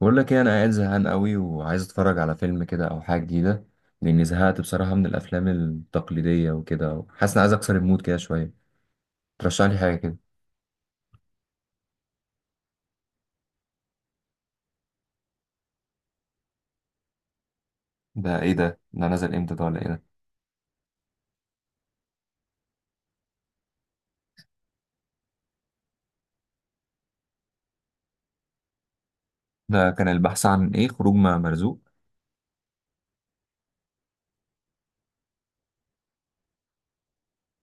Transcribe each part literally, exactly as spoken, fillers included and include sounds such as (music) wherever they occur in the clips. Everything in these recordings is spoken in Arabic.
بقول لك ايه، انا قاعد زهقان قوي وعايز اتفرج على فيلم كده او حاجه جديده. لاني زهقت بصراحه من الافلام التقليديه، وكده حاسس اني عايز اكسر المود كده شويه. ترشح لي حاجه كده؟ ده ايه ده؟ ده نزل امتى؟ ده ولا ايه ده؟ ده كان البحث عن ايه؟ خروج مع مرزوق؟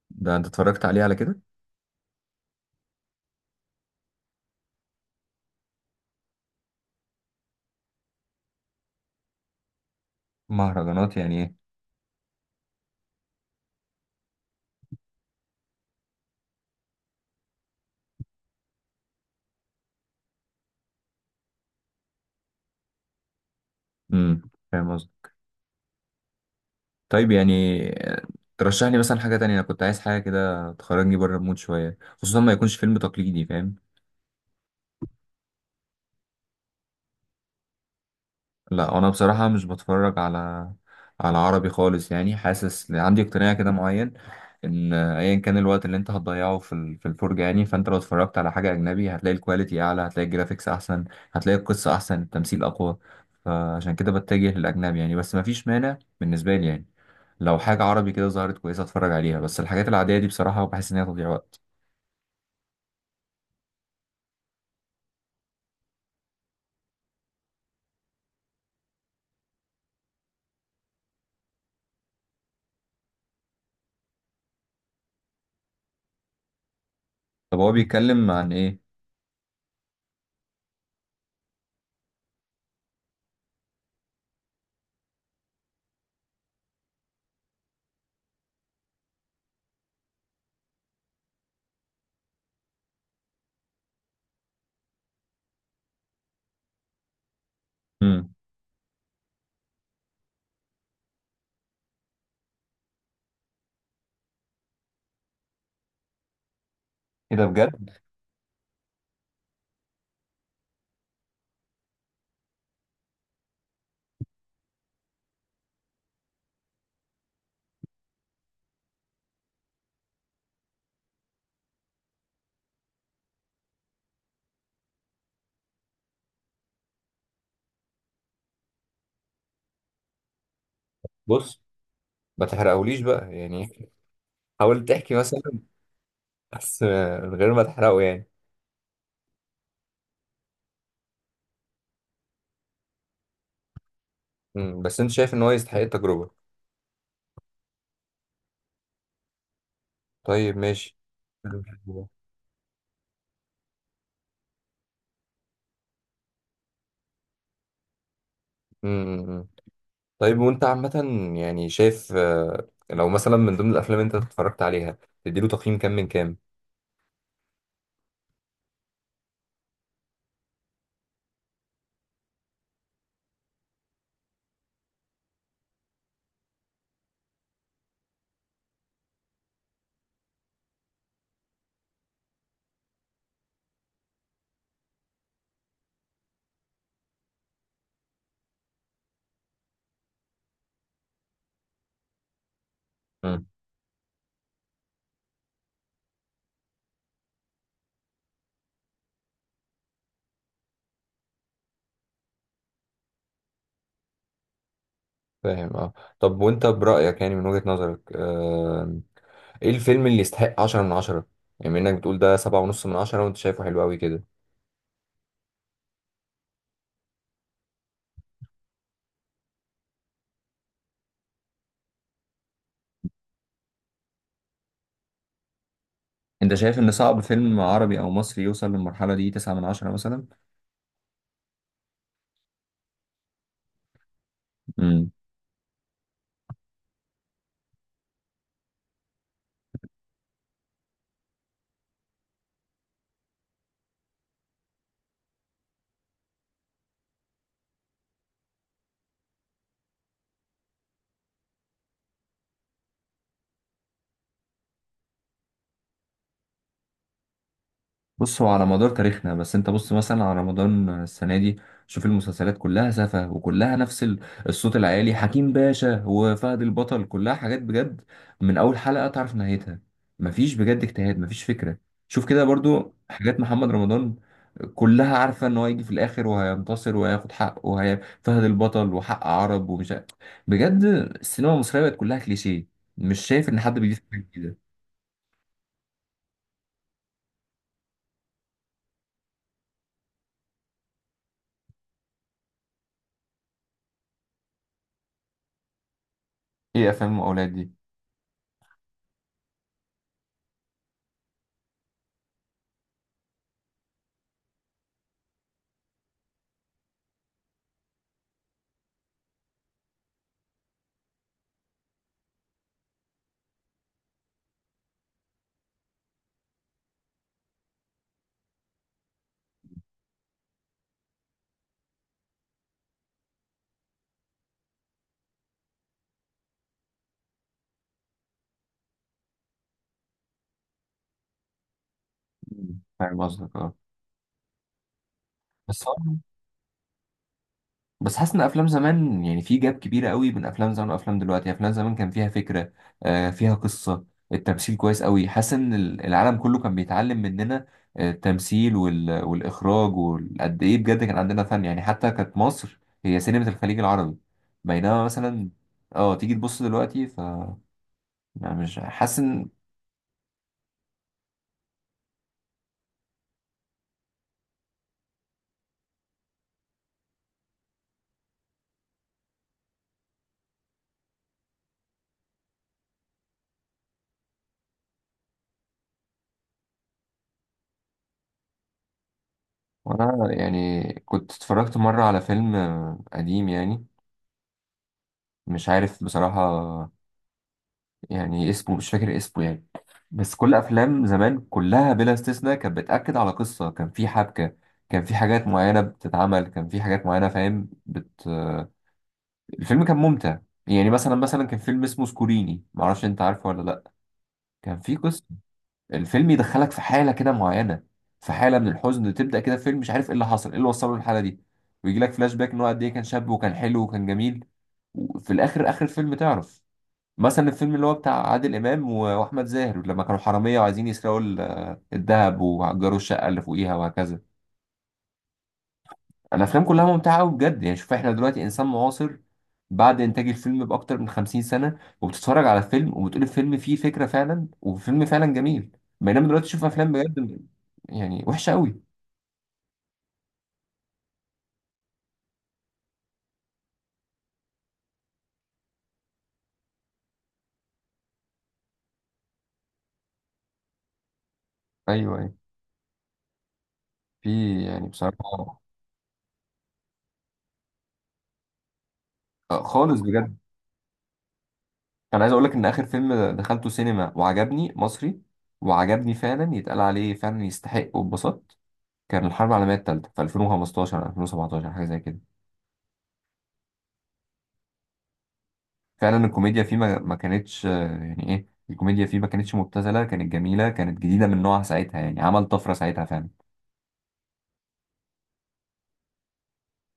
ده انت اتفرجت عليه على كده؟ مهرجانات يعني ايه؟ امم فاهم قصدي. طيب يعني، آه، ترشح لي مثلا حاجه تانية. انا كنت عايز حاجه كده تخرجني بره المود شويه، خصوصا ما يكونش فيلم تقليدي، فاهم؟ لا، انا بصراحه مش بتفرج على على عربي خالص، يعني حاسس عندي اقتناع كده معين ان ايا كان الوقت اللي انت هتضيعه في ال- في الفرجه، يعني فانت لو اتفرجت على حاجه اجنبي، هتلاقي الكواليتي اعلى، هتلاقي الجرافيكس احسن، هتلاقي القصه احسن، التمثيل اقوى. فعشان كده بتجه للاجنبي يعني، بس مفيش مانع بالنسبه لي يعني، لو حاجه عربي كده ظهرت كويسه اتفرج عليها. بس الحاجات العاديه دي بصراحه بحس ان هي تضييع وقت. طب هو بيتكلم عن ايه؟ امم. ايه ده؟ بجد؟ بص، ما تحرقهوليش بقى يعني. (laughs) حاول تحكي مثلا، بس آه، من غير ما تحرقه يعني. امم بس انت شايف ان هو يستحق التجربة؟ طيب، ماشي. امم طيب، وانت عامة يعني شايف، آه، لو مثلا من ضمن الافلام اللي انت اتفرجت عليها، تديله تقييم كام من كام؟ امم فاهم، اه. طب وانت برأيك، يعني من وجهة نظرك، آه، ايه الفيلم اللي يستحق عشرة من عشرة؟ يعني بما انك بتقول ده سبعة ونص من عشرة، وانت شايفه حلو قوي كده. انت شايف ان صعب فيلم عربي او مصري يوصل للمرحله دي، تسعة من عشرة مثلا؟ امم بص، هو على مدار تاريخنا، بس انت بص مثلا على رمضان السنه دي. شوف المسلسلات كلها سفه وكلها نفس ال- الصوت العالي، حكيم باشا وفهد البطل، كلها حاجات بجد. من اول حلقه تعرف نهايتها. مفيش بجد اجتهاد، مفيش فكره. شوف كده برضو حاجات محمد رمضان، كلها عارفه ان هو هيجي في الاخر وهينتصر وهياخد حقه، وهي فهد البطل وحق عرب ومش عارف. بجد، السينما المصريه بقت كلها كليشيه. مش شايف ان حد بيضيف حاجه جديده. ايه افلام الاولاد دي؟ مم. فاهم قصدك، اه. بس بس، حاسس ان افلام زمان يعني في جاب كبيره قوي بين افلام زمان وافلام دلوقتي. يعني افلام زمان كان فيها فكره، آه، فيها قصه. التمثيل كويس قوي، حاسس ان ال- العالم كله كان بيتعلم مننا، آه، التمثيل وال- والاخراج، وقد ايه بجد كان عندنا فن، يعني حتى كانت مصر هي سينما الخليج العربي. بينما مثلا اه تيجي تبص دلوقتي ف يعني مش حاسس ان... وانا يعني كنت اتفرجت مره على فيلم آه، قديم يعني، مش عارف بصراحه، يعني اسمه مش فاكر اسمه يعني. بس كل افلام زمان كلها بلا استثناء كانت بتاكد على قصه، كان في حبكه، كان في حاجات معينه بتتعمل، كان في حاجات معينه، فاهم، بت الفيلم كان ممتع. يعني مثلا مثلا كان فيلم اسمه سكوريني، معرفش انت عارفه ولا لا. كان في قصه. الفيلم يدخلك في حاله كده معينه، في حاله من الحزن تبدا كده، فيلم مش عارف ايه اللي حصل، ايه اللي وصله للحاله دي، ويجي لك فلاش باك ان هو قد ايه كان شاب وكان حلو وكان جميل، وفي الاخر، اخر الفيلم تعرف. مثلا الفيلم اللي هو بتاع عادل امام و- واحمد زاهر، لما كانوا حراميه وعايزين يسرقوا ال- الذهب وهجروا الشقه اللي فوقيها وهكذا. الافلام كلها ممتعه قوي بجد. يعني شوف، احنا دلوقتي انسان معاصر بعد انتاج الفيلم باكتر من 50 سنه، وبتتفرج على فيلم وبتقول الفيلم فيه فكره فعلا، وفيلم فعلا جميل. بينما دلوقتي تشوف افلام بجد يعني وحشه قوي. ايوه، ايوه، في يعني بصراحه، آه، خالص بجد. انا عايز اقول لك ان اخر فيلم دخلته سينما وعجبني مصري، وعجبني فعلا، يتقال عليه فعلا يستحق، واتبسطت، كان الحرب العالمية التالتة في الفين وخمستاشر، الفين وسبعتاشر، حاجة زي كده. فعلا الكوميديا فيه ما, ما كانتش، آه، يعني ايه، الكوميديا فيه ما كانتش مبتذلة، كانت جميلة، كانت جديدة من نوعها ساعتها، يعني عمل طفرة ساعتها فعلا.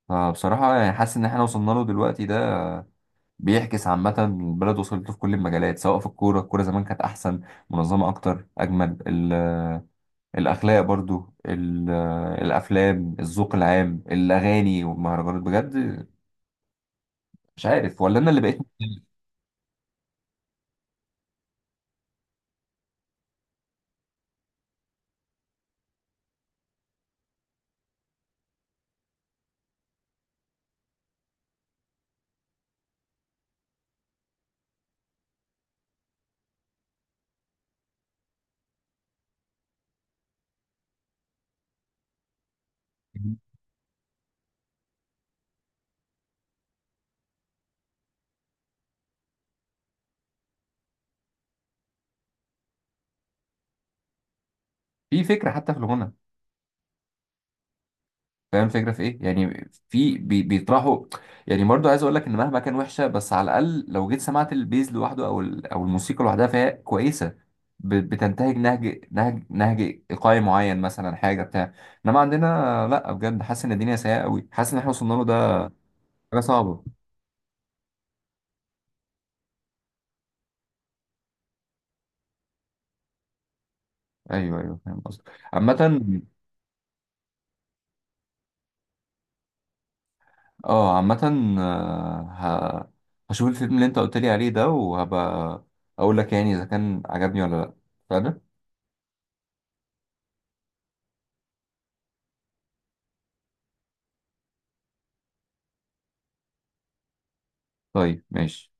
فبصراحة يعني حاسس إن إحنا وصلنا له دلوقتي ده، بيعكس عامة البلد، وصلت له في كل المجالات، سواء في الكورة، الكورة زمان كانت أحسن، منظمة أكتر، أجمل ال- آه، الأخلاق، برضو ال- آه، الأفلام، الذوق العام، الأغاني والمهرجانات، بجد مش عارف ولا أنا اللي بقيت. في فكرة حتى في الغنى، فاهم الفكره في ايه؟ يعني في بي بيطرحوا. يعني برضو عايز اقول لك ان مهما كان وحشه، بس على الاقل لو جيت سمعت البيز لوحده او ال- او الموسيقى لوحدها، فهي كويسه، ب- بتنتهج نهج نهج نهج ايقاعي معين، مثلا حاجه بتاع. انما عندنا، لا بجد حاسس ان الدنيا سيئه قوي، حاسس ان احنا وصلنا له ده، حاجه صعبه. ايوه، ايوه، فاهم قصدك عامه. اه، عامه، آه، ه- هشوف الفيلم اللي انت قلت لي عليه ده، وهبقى اقول لك يعني اذا كان عجبني ولا لا. فعلا. طيب، ماشي.